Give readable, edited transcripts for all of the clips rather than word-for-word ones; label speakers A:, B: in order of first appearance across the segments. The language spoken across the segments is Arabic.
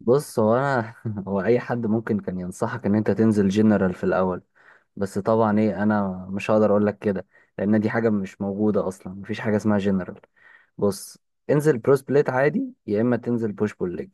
A: بص هو انا هو اي حد ممكن كان ينصحك ان انت تنزل جنرال في الاول. بس طبعا ايه، انا مش هقدر اقول لك كده لان دي حاجه مش موجوده اصلا، مفيش حاجه اسمها جنرال. بص، انزل برو سبليت عادي يا اما تنزل بوش بول ليج.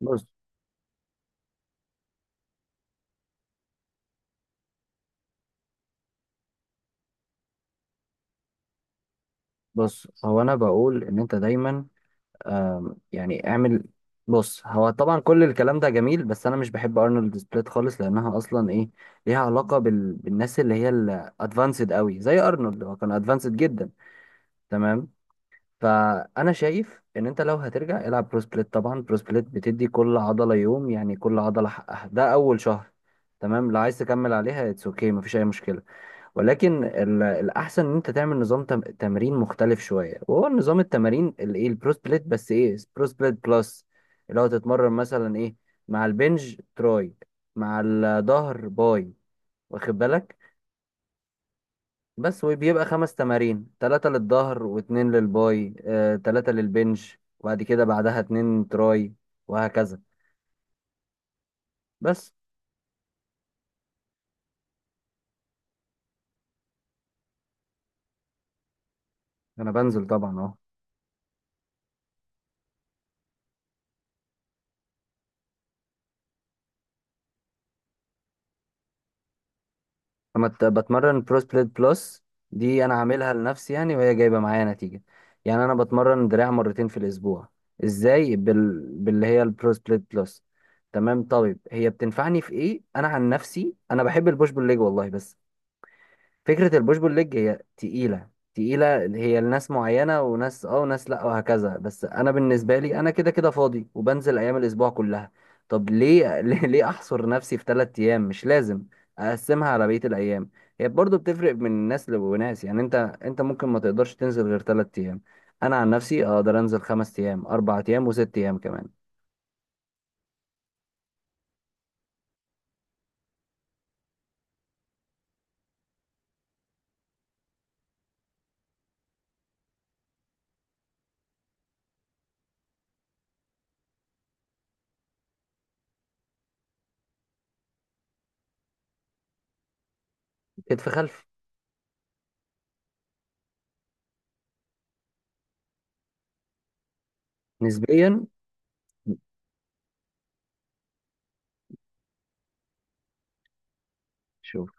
A: بص بص هو انا بقول ان انت دايما يعني اعمل. بص، هو طبعا كل الكلام ده جميل بس انا مش بحب ارنولد سبليت خالص لانها اصلا ايه، ليها علاقه بالناس اللي هي الادفانسد قوي زي ارنولد، هو كان ادفانسد جدا. تمام. فانا شايف ان انت لو هترجع العب برو سبليت. طبعا برو سبليت بتدي كل عضله يوم، يعني كل عضله حقها، ده اول شهر. تمام، لو عايز تكمل عليها اتس اوكي مفيش اي مشكله، ولكن الاحسن ان انت تعمل نظام تمرين مختلف شويه، وهو نظام التمارين الايه، البرو سبليت، بس ايه، برو سبليت بلس. اللي هو تتمرن مثلا ايه، مع البنج تراي، مع الظهر باي، واخد بالك؟ بس، وبيبقى خمس تمارين، تلاتة للظهر واتنين للباي، تلاتة للبنش وبعد كده بعدها اتنين تراي، وهكذا. بس انا بنزل طبعا اهو. بتمرن برو سبليت بلس، دي انا عاملها لنفسي يعني، وهي جايبة معايا نتيجة. يعني انا بتمرن دراع مرتين في الاسبوع، ازاي؟ باللي هي البرو سبليت بلس. تمام، طيب هي بتنفعني في ايه؟ انا عن نفسي انا بحب البوش بول ليج والله، بس فكرة البوش بول ليج هي تقيلة تقيلة، هي لناس معينة وناس اه وناس لا وهكذا، بس انا بالنسبة لي انا كده كده فاضي وبنزل ايام الاسبوع كلها. طب ليه ليه احصر نفسي في ثلاث ايام؟ مش لازم، اقسمها على بقية الايام. هي برضو بتفرق من ناس لناس، يعني انت، ممكن ما تقدرش تنزل غير ثلاث ايام، انا عن نفسي اقدر انزل خمس ايام، اربع ايام، وست ايام كمان. كتف خلفي. نسبيا. شوف،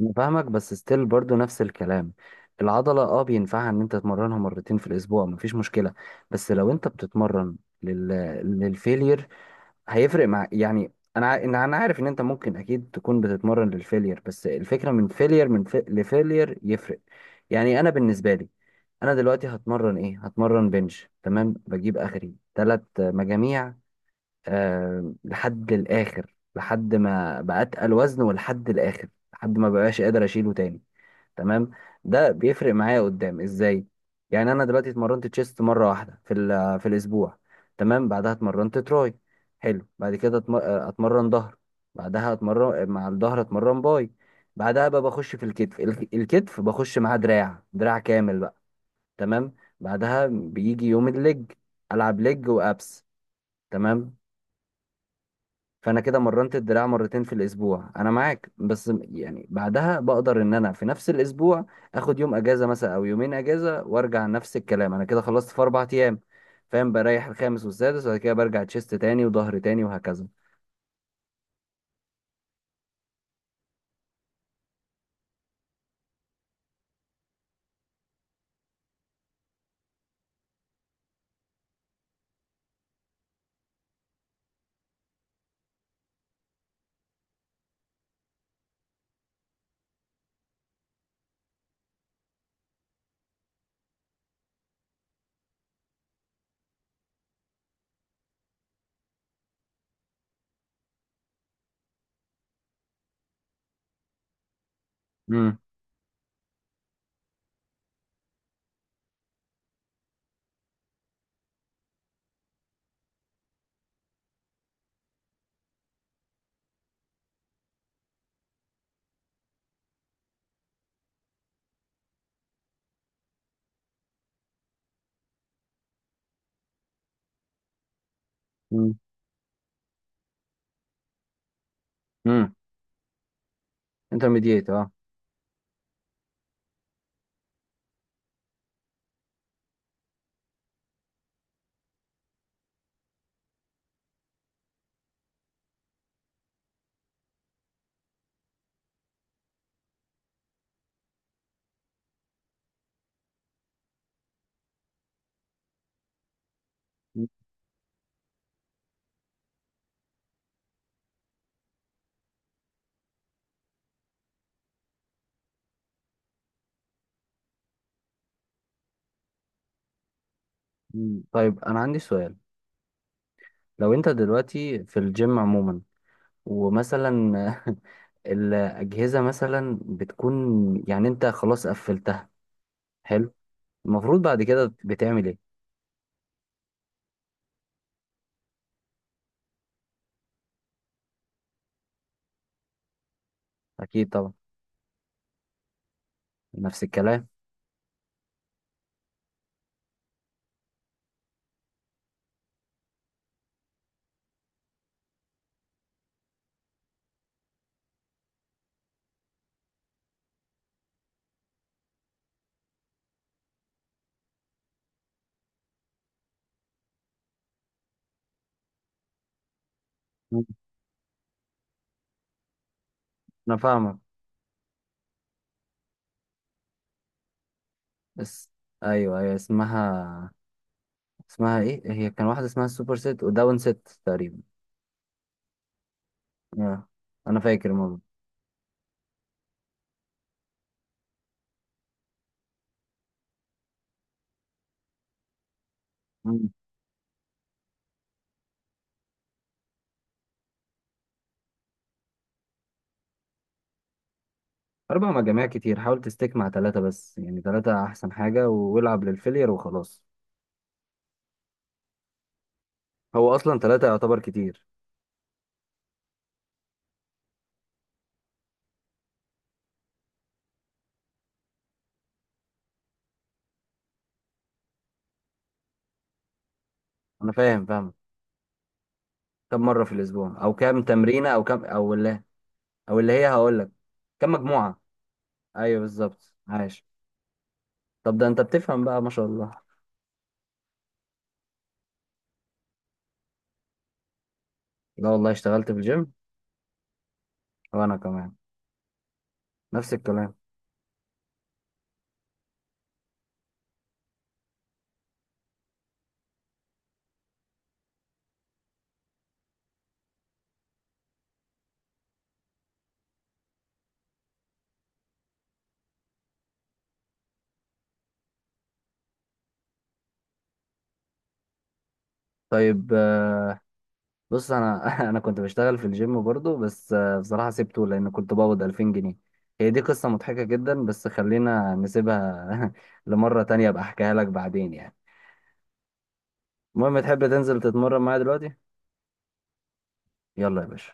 A: أنا فاهمك بس ستيل برضو نفس الكلام. العضلة اه بينفعها ان انت تمرنها مرتين في الاسبوع، مفيش مشكلة. بس لو انت بتتمرن لل... للفيلير هيفرق مع يعني انا إن انا عارف ان انت ممكن اكيد تكون بتتمرن للفيلير، بس الفكرة من فيلير، من لفيلير يفرق. يعني انا بالنسبة لي، انا دلوقتي هتمرن ايه؟ هتمرن بنش، تمام، بجيب اخري ثلاث مجاميع، آه، لحد الآخر، لحد ما بقى أتقل وزن، ولحد الآخر لحد ما بقاش قادر أشيله تاني. تمام، ده بيفرق معايا قدام إزاي؟ يعني أنا دلوقتي اتمرنت تشيست مرة واحدة في في الأسبوع، تمام، بعدها اتمرنت تراي، حلو، بعد كده اتمرن ظهر، بعدها اتمرن مع الظهر اتمرن باي، بعدها بقى بخش في الكتف، الكتف بخش معاه دراع، دراع كامل بقى، تمام، بعدها بيجي يوم الليج، ألعب ليج وأبس، تمام. فانا كده مرنت الدراع مرتين في الاسبوع، انا معاك، بس يعني بعدها بقدر ان انا في نفس الاسبوع اخد يوم اجازه مثلا او يومين اجازه، وارجع نفس الكلام. انا كده خلصت في اربع ايام، فاهم؟ بريح الخامس والسادس وبعد كده برجع تشيست تاني وظهر تاني وهكذا. امم، امم، انترميديت اه. مم. طيب انا عندي سؤال، لو انت دلوقتي في الجيم عموما ومثلا الاجهزه مثلا بتكون، يعني انت خلاص قفلتها، حلو، المفروض بعد كده بتعمل ايه؟ اكيد طبعا. نفس الكلام. مم. انا فاهمك. بس، ايوه ايوه، اسمها، اسمها ايه، هي كان واحده اسمها السوبر ست وداون ست تقريبا. آه. انا فاكر. ماما. مم. اربع مجاميع كتير، حاول تستيك مع ثلاثه، بس يعني ثلاثه احسن حاجه والعب للفيلير وخلاص. هو اصلا ثلاثه يعتبر كتير. انا فاهم فاهم. كم مره في الاسبوع او كم تمرينه او كم او اللي، او اللي هي، هقول لك، كم مجموعه. ايوه بالظبط، عاش. طب ده انت بتفهم بقى ما شاء الله. لا والله اشتغلت في الجيم. وانا كمان. نفس الكلام. طيب بص انا انا كنت بشتغل في الجيم برضو، بس بصراحة سيبته لان كنت بقبض 2000 جنيه. هي دي قصة مضحكة جدا بس خلينا نسيبها لمرة تانية، ابقى احكيها لك بعدين يعني. المهم، تحب تنزل تتمرن معايا دلوقتي؟ يلا يا باشا.